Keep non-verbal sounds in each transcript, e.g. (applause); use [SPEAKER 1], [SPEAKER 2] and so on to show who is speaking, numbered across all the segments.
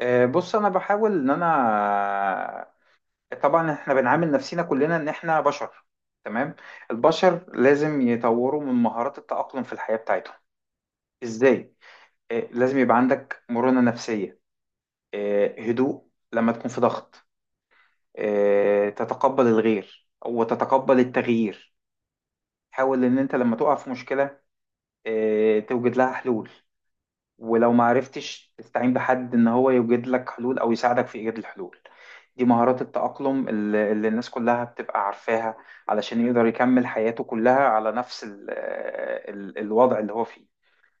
[SPEAKER 1] بص، انا بحاول ان انا طبعا احنا بنعامل نفسنا كلنا ان احنا بشر. تمام. البشر لازم يطوروا من مهارات التأقلم في الحياة بتاعتهم. ازاي؟ لازم يبقى عندك مرونة نفسية، هدوء لما تكون في ضغط، تتقبل الغير وتتقبل التغيير. حاول ان انت لما تقع في مشكلة توجد لها حلول، ولو ما عرفتش تستعين بحد ان هو يوجد لك حلول او يساعدك في ايجاد الحلول. دي مهارات التأقلم اللي الناس كلها بتبقى عارفاها علشان يقدر يكمل حياته كلها على نفس ال الوضع اللي هو فيه.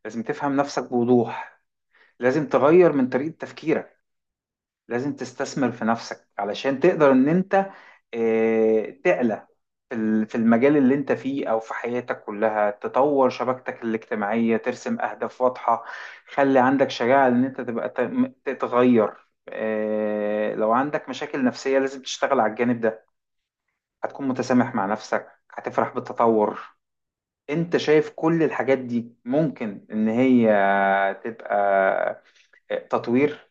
[SPEAKER 1] لازم تفهم نفسك بوضوح، لازم تغير من طريقة تفكيرك، لازم تستثمر في نفسك علشان تقدر ان انت تعلى في المجال اللي انت فيه او في حياتك كلها، تطور شبكتك الاجتماعية، ترسم اهداف واضحة. خلي عندك شجاعة ان انت تبقى تتغير. لو عندك مشاكل نفسية لازم تشتغل على الجانب ده. هتكون متسامح مع نفسك، هتفرح بالتطور. انت شايف كل الحاجات دي ممكن ان هي تبقى تطوير؟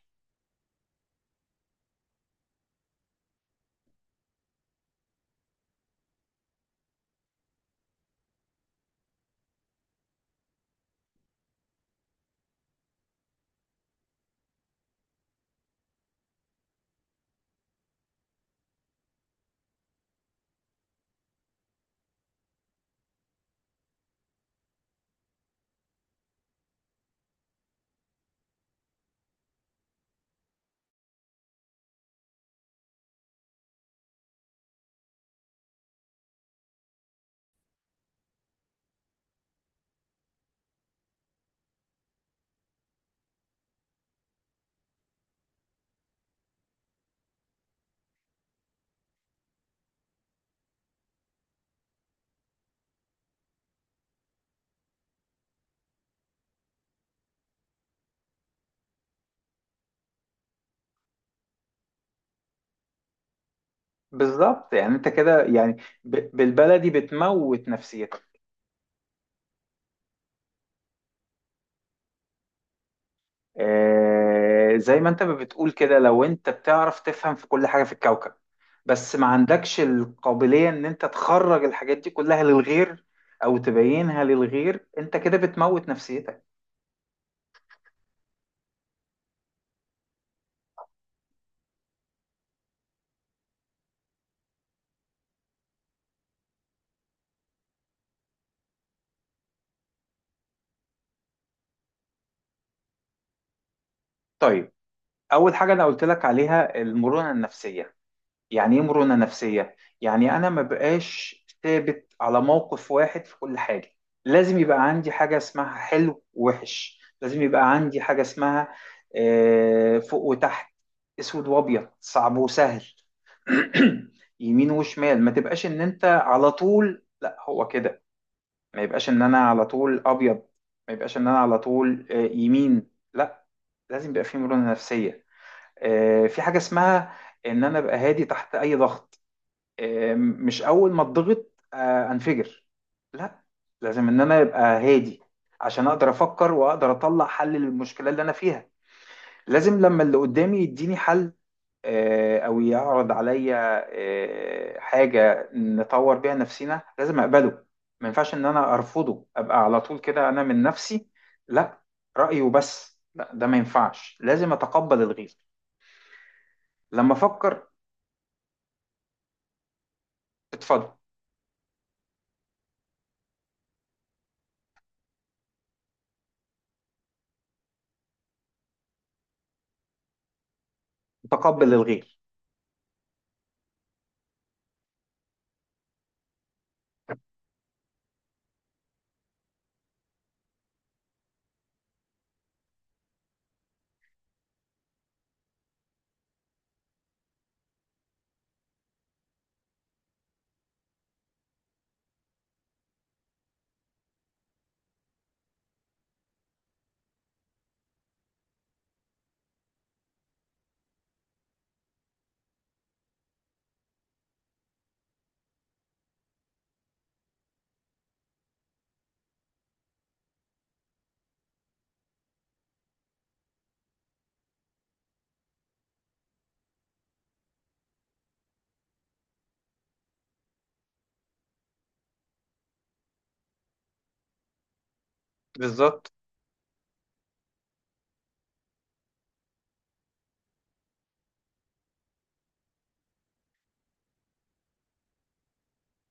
[SPEAKER 1] بالظبط. يعني انت كده يعني بالبلدي بتموت نفسيتك. آه زي ما انت ما بتقول كده، لو انت بتعرف تفهم في كل حاجة في الكوكب بس ما عندكش القابلية ان انت تخرج الحاجات دي كلها للغير او تبينها للغير، انت كده بتموت نفسيتك. طيب، اول حاجة انا قلت لك عليها المرونة النفسية. يعني ايه مرونة نفسية؟ يعني أنا ما بقاش ثابت على موقف واحد في كل حاجة. لازم يبقى عندي حاجة اسمها حلو ووحش، لازم يبقى عندي حاجة اسمها فوق وتحت، أسود وأبيض، صعب وسهل، (clears throat) يمين وشمال. ما تبقاش إن أنت على طول لا هو كده، ما يبقاش إن أنا على طول أبيض، ما يبقاش إن أنا على طول يمين. لا، لازم يبقى في مرونة نفسية. في حاجة اسمها إن أنا أبقى هادي تحت أي ضغط، مش اول ما اتضغط انفجر. لا، لازم ان انا ابقى هادي عشان اقدر افكر واقدر اطلع حل للمشكله اللي انا فيها. لازم لما اللي قدامي يديني حل او يعرض عليا حاجه نطور بيها نفسنا، لازم اقبله. ما ينفعش ان انا ارفضه، ابقى على طول كده انا من نفسي، لا رايه بس، لا ده ما ينفعش، لازم اتقبل الغير لما افكر. اتفضل. اتقبل الغير. بالظبط.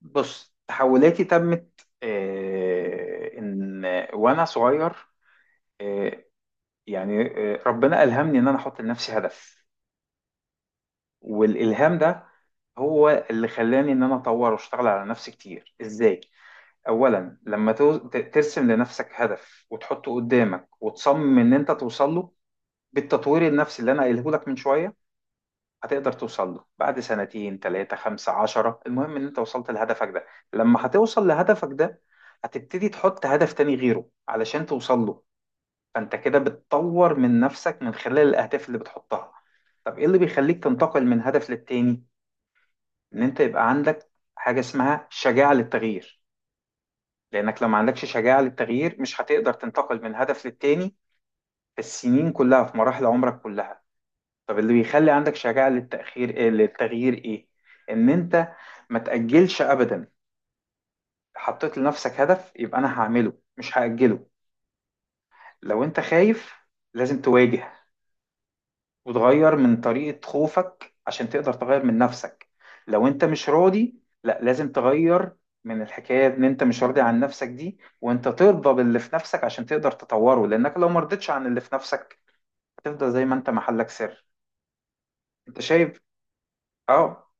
[SPEAKER 1] بص، تحولاتي تمت ان وانا صغير، آه، يعني ربنا الهمني ان انا احط لنفسي هدف، والالهام ده هو اللي خلاني ان انا اطور واشتغل على نفسي كتير. ازاي؟ اولا لما ترسم لنفسك هدف وتحطه قدامك وتصمم ان انت توصل له بالتطوير النفسي اللي انا قايله لك من شويه، هتقدر توصل له بعد سنتين 3 15، المهم ان انت وصلت لهدفك ده. لما هتوصل لهدفك ده هتبتدي تحط هدف تاني غيره علشان توصل له. فانت كده بتطور من نفسك من خلال الاهداف اللي بتحطها. طب ايه اللي بيخليك تنتقل من هدف للتاني؟ ان انت يبقى عندك حاجة اسمها شجاعة للتغيير، لانك لو ما عندكش شجاعة للتغيير مش هتقدر تنتقل من هدف للتاني في السنين كلها في مراحل عمرك كلها. طب اللي بيخلي عندك شجاعة للتأخير إيه، للتغيير إيه؟ إن أنت ما تأجلش أبدا. حطيت لنفسك هدف يبقى أنا هعمله مش هأجله. لو أنت خايف لازم تواجه، وتغير من طريقة خوفك عشان تقدر تغير من نفسك. لو أنت مش راضي لا، لازم تغير من الحكاية إن أنت مش راضي عن نفسك دي، وأنت ترضى باللي في نفسك عشان تقدر تطوره، لأنك لو مرضتش عن اللي في نفسك هتفضل زي ما أنت محلك سر. أنت شايف؟ أه.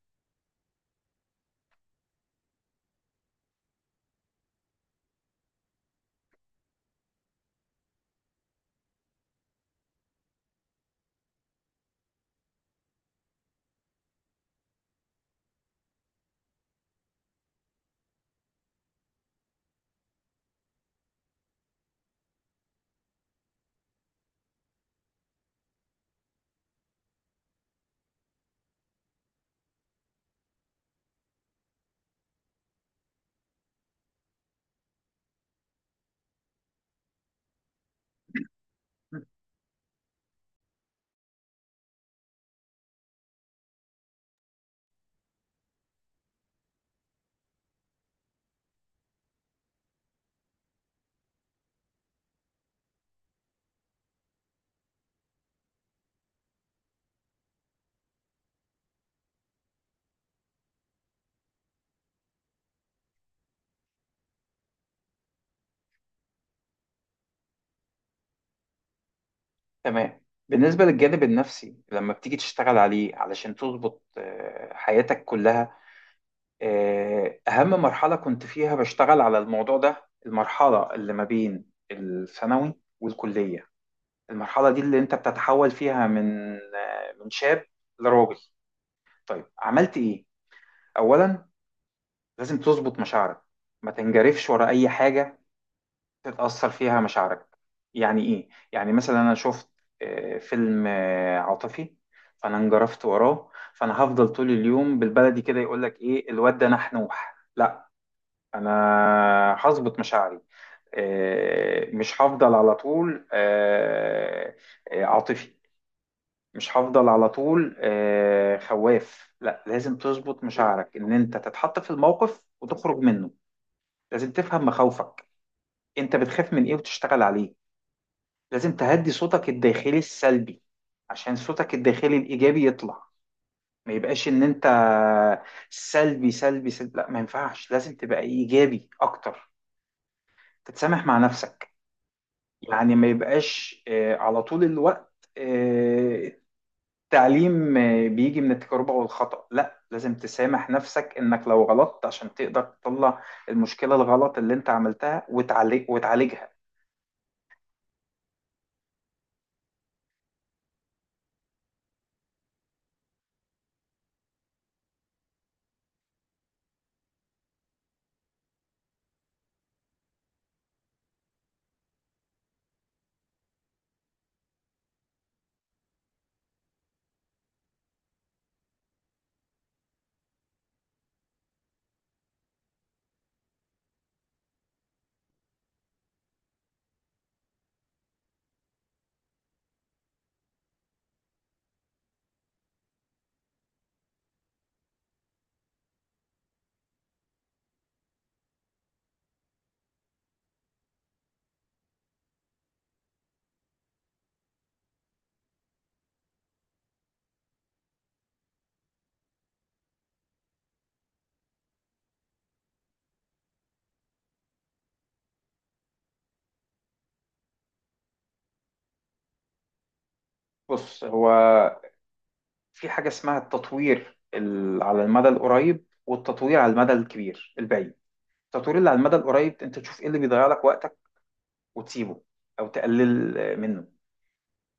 [SPEAKER 1] تمام، بالنسبة للجانب النفسي لما بتيجي تشتغل عليه علشان تظبط حياتك كلها، أهم مرحلة كنت فيها بشتغل على الموضوع ده المرحلة اللي ما بين الثانوي والكلية. المرحلة دي اللي أنت بتتحول فيها من من شاب لراجل. طيب عملت إيه؟ أولا لازم تظبط مشاعرك، ما تنجرفش ورا أي حاجة تتأثر فيها مشاعرك. يعني إيه؟ يعني مثلا أنا شفت فيلم عاطفي، فأنا انجرفت وراه، فأنا هفضل طول اليوم بالبلدي كده يقول لك إيه الواد ده نحنوح. لا، أنا هظبط مشاعري. مش هفضل على طول عاطفي، مش هفضل على طول خواف. لا، لازم تظبط مشاعرك إن أنت تتحط في الموقف وتخرج منه. لازم تفهم مخاوفك، أنت بتخاف من إيه، وتشتغل عليه. لازم تهدي صوتك الداخلي السلبي عشان صوتك الداخلي الإيجابي يطلع. ما يبقاش إن أنت سلبي سلبي سلبي، لا ما ينفعش، لازم تبقى إيجابي أكتر. تتسامح مع نفسك. يعني ما يبقاش على طول الوقت التعليم بيجي من التجربة والخطأ، لا لازم تسامح نفسك إنك لو غلطت عشان تقدر تطلع المشكلة الغلط اللي أنت عملتها وتعالج وتعالجها. بص هو في حاجة اسمها التطوير على المدى القريب، والتطوير على المدى الكبير البعيد. التطوير اللي على المدى القريب، انت تشوف ايه اللي بيضيع لك وقتك وتسيبه او تقلل منه.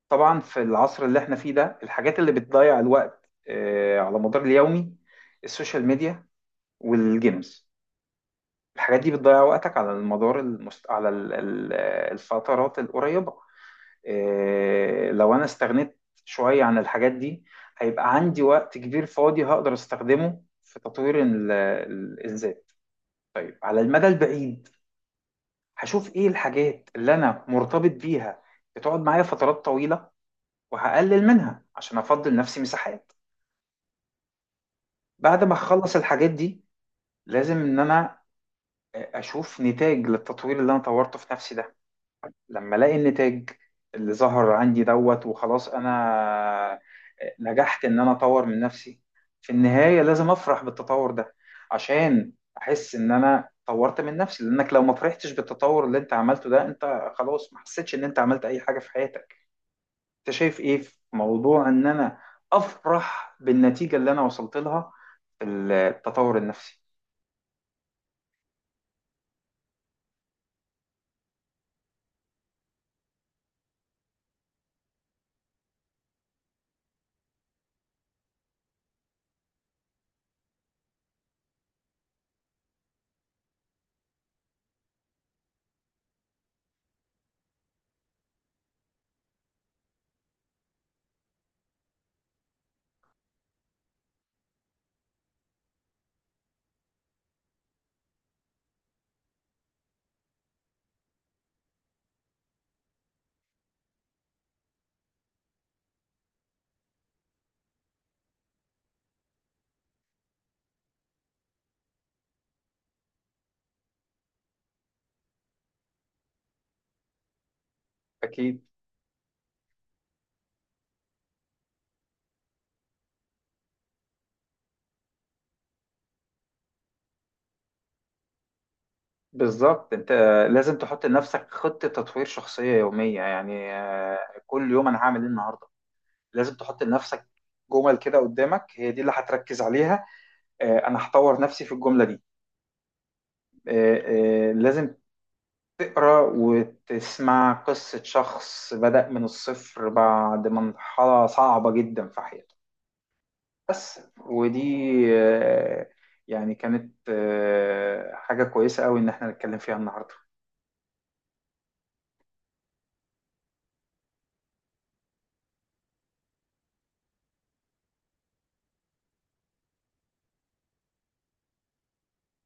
[SPEAKER 1] طبعا في العصر اللي احنا فيه ده الحاجات اللي بتضيع الوقت على مدار اليومي السوشيال ميديا والجيمز. الحاجات دي بتضيع وقتك على المدار المست... على ال- ال- آه، الفترات القريبة. إيه، لو انا استغنيت شوية عن الحاجات دي هيبقى عندي وقت كبير فاضي هقدر استخدمه في تطوير الذات. طيب على المدى البعيد هشوف ايه الحاجات اللي انا مرتبط بيها بتقعد معايا فترات طويلة وهقلل منها عشان افضل نفسي مساحات. بعد ما اخلص الحاجات دي لازم ان انا اشوف نتاج للتطوير اللي انا طورته في نفسي ده. لما الاقي النتاج اللي ظهر عندي دوت وخلاص، انا نجحت ان انا اطور من نفسي. في النهاية لازم افرح بالتطور ده عشان احس ان انا طورت من نفسي، لانك لو ما فرحتش بالتطور اللي انت عملته ده انت خلاص ما حسيتش ان انت عملت اي حاجة في حياتك. انت شايف ايه في موضوع ان انا افرح بالنتيجة اللي انا وصلت لها في التطور النفسي؟ اكيد. بالظبط، انت لازم تحط لنفسك خطة تطوير شخصية يومية، يعني كل يوم انا هعمل ايه النهاردة. لازم تحط لنفسك جمل كده قدامك هي دي اللي هتركز عليها. انا هطور نفسي في الجملة دي. لازم تقرأ وتسمع قصة شخص بدأ من الصفر بعد مرحلة صعبة جدا في حياته. بس ودي آه، يعني كانت حاجة كويسة قوي ان احنا نتكلم فيها النهاردة.